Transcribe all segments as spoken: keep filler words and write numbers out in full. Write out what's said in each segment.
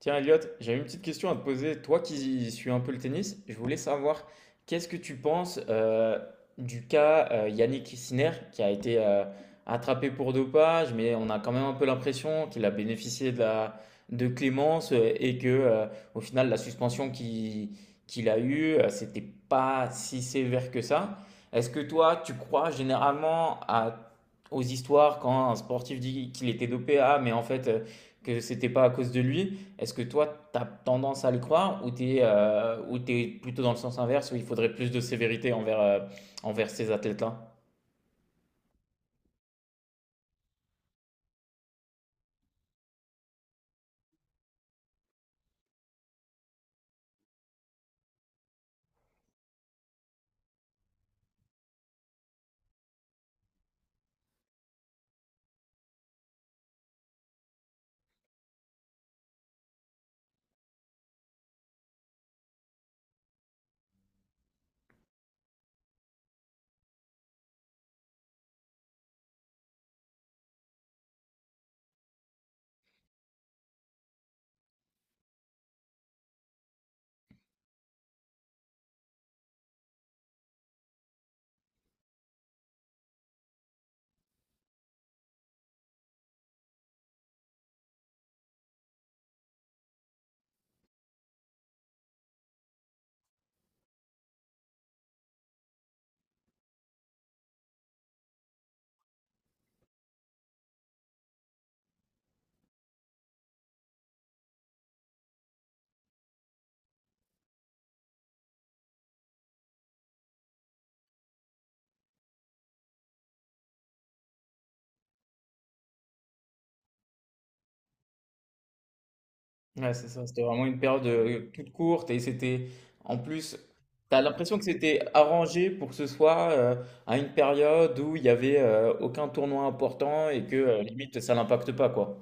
Tiens, Elliot, j'ai une petite question à te poser. Toi qui suis un peu le tennis, je voulais savoir qu'est-ce que tu penses euh, du cas euh, Yannick Sinner qui a été euh, attrapé pour dopage, mais on a quand même un peu l'impression qu'il a bénéficié de la de clémence euh, et que euh, au final la suspension qui- qu'il a eue, euh, c'était pas si sévère que ça. Est-ce que toi, tu crois généralement à- aux histoires quand un sportif dit qu'il était dopé, ah mais en fait euh, que c'était pas à cause de lui? Est-ce que toi, tu as tendance à le croire ou tu es, euh, ou tu es plutôt dans le sens inverse où il faudrait plus de sévérité envers, euh, envers ces athlètes-là? Ouais, c'est ça. C'était vraiment une période euh, toute courte et c'était en plus, tu as l'impression que c'était arrangé pour que ce soit euh, à une période où il n'y avait euh, aucun tournoi important et que euh, limite ça n'impacte pas quoi.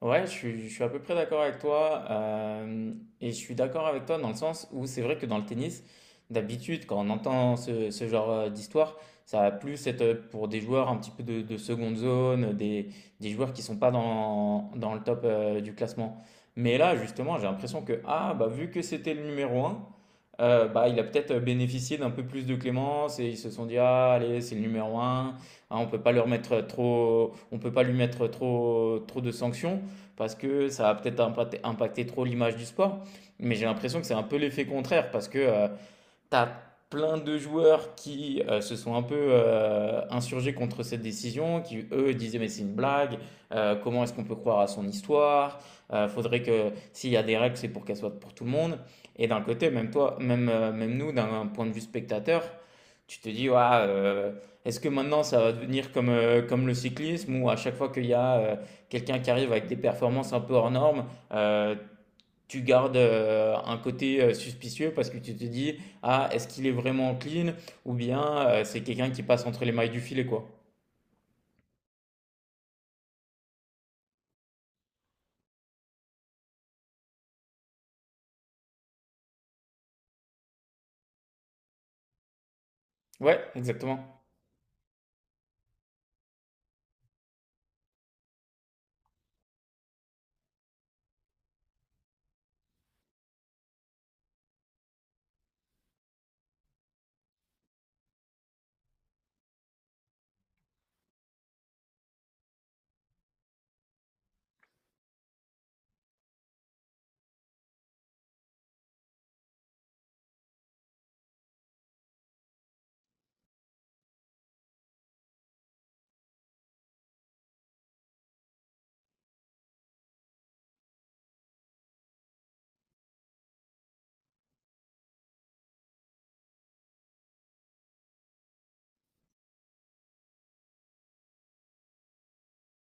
Ouais, je suis, je suis à peu près d'accord avec toi. Euh, et je suis d'accord avec toi dans le sens où c'est vrai que dans le tennis, d'habitude, quand on entend ce, ce genre euh, d'histoire, ça va plus être euh, pour des joueurs un petit peu de, de seconde zone, des, des joueurs qui sont pas dans, dans le top euh, du classement. Mais là, justement, j'ai l'impression que, ah, bah, vu que c'était le numéro un, euh, bah, il a peut-être bénéficié d'un peu plus de clémence et ils se sont dit, ah, allez, c'est le numéro un, hein, on peut pas leur mettre trop, on peut pas lui mettre trop, trop de sanctions parce que ça va peut-être impacter, impacter trop l'image du sport. Mais j'ai l'impression que c'est un peu l'effet contraire parce que euh, t'as plein de joueurs qui euh, se sont un peu euh, insurgés contre cette décision, qui eux disaient mais c'est une blague, euh, comment est-ce qu'on peut croire à son histoire? Euh, faudrait que s'il y a des règles c'est pour qu'elles soient pour tout le monde. Et d'un côté, même toi, même, euh, même nous, d'un point de vue spectateur, tu te dis ouah, euh, est-ce que maintenant ça va devenir comme, euh, comme le cyclisme où à chaque fois qu'il y a euh, quelqu'un qui arrive avec des performances un peu hors normes, euh, tu gardes euh, un côté euh, suspicieux parce que tu te dis, ah, est-ce qu'il est vraiment clean ou bien euh, c'est quelqu'un qui passe entre les mailles du filet, quoi. Ouais, exactement.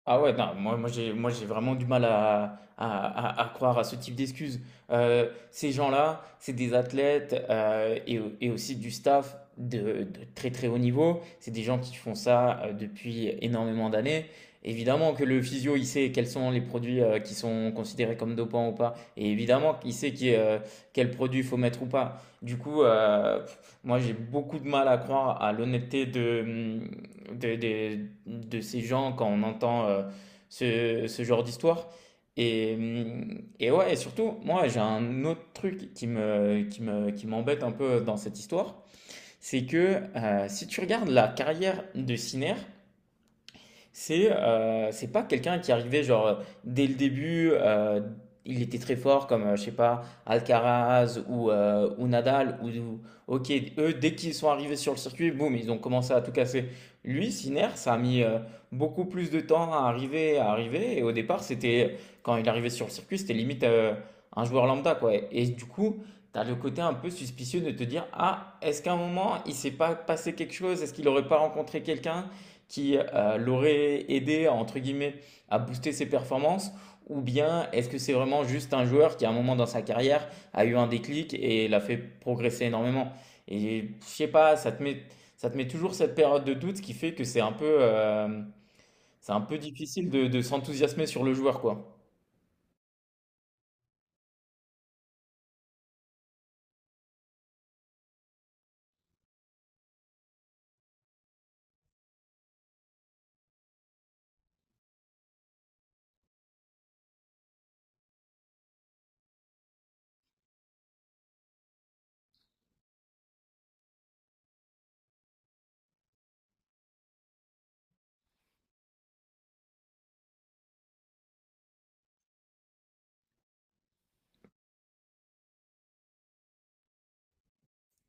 Ah ouais, non, moi, moi j'ai, moi j'ai vraiment du mal à, à, à- à croire à ce type d'excuses. Euh, ces gens-là, c'est des athlètes euh, et, au- et aussi du staff de, de très très haut niveau. C'est des gens qui font ça euh, depuis énormément d'années. Évidemment que le physio, il sait quels sont les produits euh, qui sont considérés comme dopants ou pas. Et évidemment qu'il sait qui, euh, quel produit faut mettre ou pas. Du coup, euh, pff, moi j'ai beaucoup de mal à croire à l'honnêteté de, de, de ces gens quand on entend euh, ce, ce genre d'histoire. Et, hum, et ouais, et surtout, moi, j'ai un autre truc qui me, qui me, qui m'embête un peu dans cette histoire, c'est que euh, si tu regardes la carrière de Sinner, c'est heu, c'est pas quelqu'un qui arrivait genre, heu, dès le début, heu, il était très fort comme, heu, je sais pas, Alcaraz ou, heu, ou Nadal ou ou OK, eux dès qu'ils sont arrivés sur le circuit, boum, ils ont commencé à tout casser. Lui, Sinner, ça a mis, heu, beaucoup plus de temps à arriver à arriver et au départ, c'était quand il arrivait sur le circuit, c'était limite, heu, un joueur lambda, quoi et du coup, t'as le côté un peu suspicieux de te dire: «Ah, est-ce qu'à un moment, il s'est pas passé quelque chose? Est-ce qu'il aurait pas rencontré quelqu'un?» qui euh, l'aurait aidé, entre guillemets, à booster ses performances. Ou bien est-ce que c'est vraiment juste un joueur qui, à un moment dans sa carrière, a eu un déclic et l'a fait progresser énormément? Et je sais pas, ça te met, ça te met toujours cette période de doute, ce qui fait que c'est un peu, euh, c'est un peu difficile de, de s'enthousiasmer sur le joueur, quoi.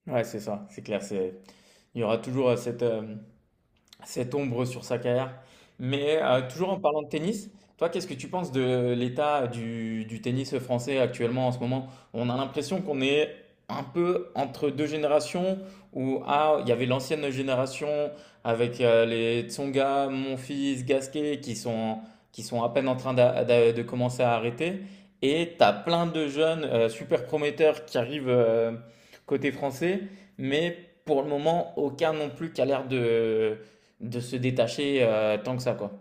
Ouais, c'est ça, c'est clair. c'est- Il y aura toujours euh, cette, euh, cette ombre sur sa carrière. Mais euh, toujours en parlant de tennis, toi, qu'est-ce que tu penses de l'état du, du tennis français actuellement en ce moment? On a l'impression qu'on est un peu entre deux générations où ah, il y avait l'ancienne génération avec euh, les Tsonga, Monfils, Gasquet qui sont, qui sont à peine en train d'a- d'a- de, commencer à arrêter. Et tu as plein de jeunes euh, super prometteurs qui arrivent euh, côté français, mais pour le moment, aucun non plus qui a l'air de de se détacher euh, tant que ça, quoi.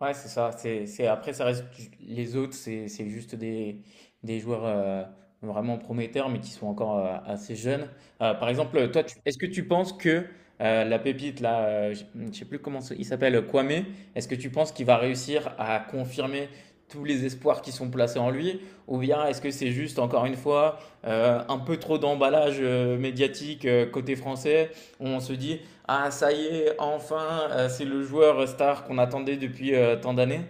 Ouais, c'est ça. C'est, c'est, après, ça reste ju- les autres, c'est, c'est juste des, des joueurs euh, vraiment prometteurs, mais qui sont encore euh, assez jeunes. Euh, par exemple, toi, tu- est-ce que tu penses que euh, la pépite, là, euh, je ne sais plus comment ça- il s'appelle, Kwame, est-ce que tu penses qu'il va réussir à confirmer tous les espoirs qui sont placés en lui, ou bien est-ce que c'est juste, encore une fois, euh, un peu trop d'emballage euh, médiatique euh, côté français, où on se dit, ah, ça y est, enfin, euh, c'est le joueur star qu'on attendait depuis euh, tant d'années.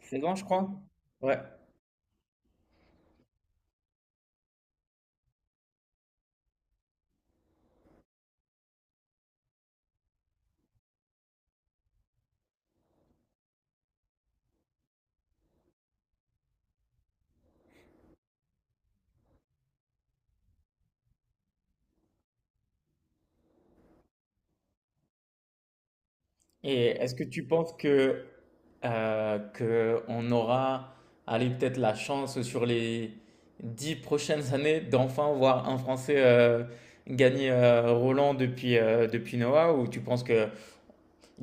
Seize ans, je crois. Ouais. Et est-ce que tu penses que euh, que on aura, allez, peut-être la chance sur les dix prochaines années d'enfin voir un Français euh, gagner euh, Roland depuis, euh, depuis Noah, ou tu penses qu'il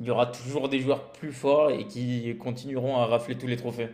y aura toujours des joueurs plus forts et qui continueront à rafler tous les trophées?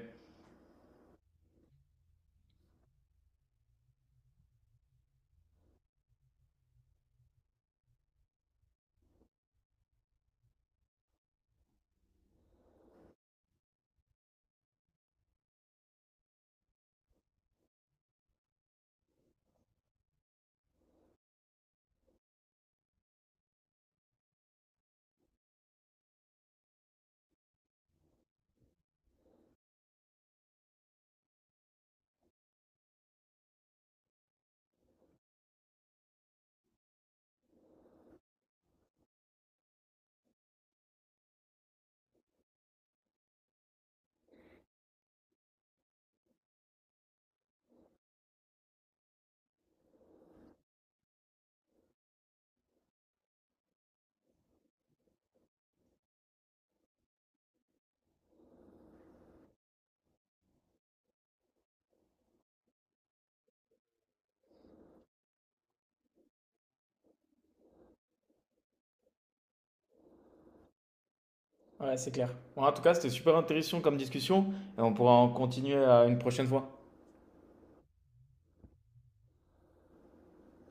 Ouais, c'est clair. Bon, en tout cas, c'était super intéressant comme discussion et on pourra en continuer à une prochaine fois.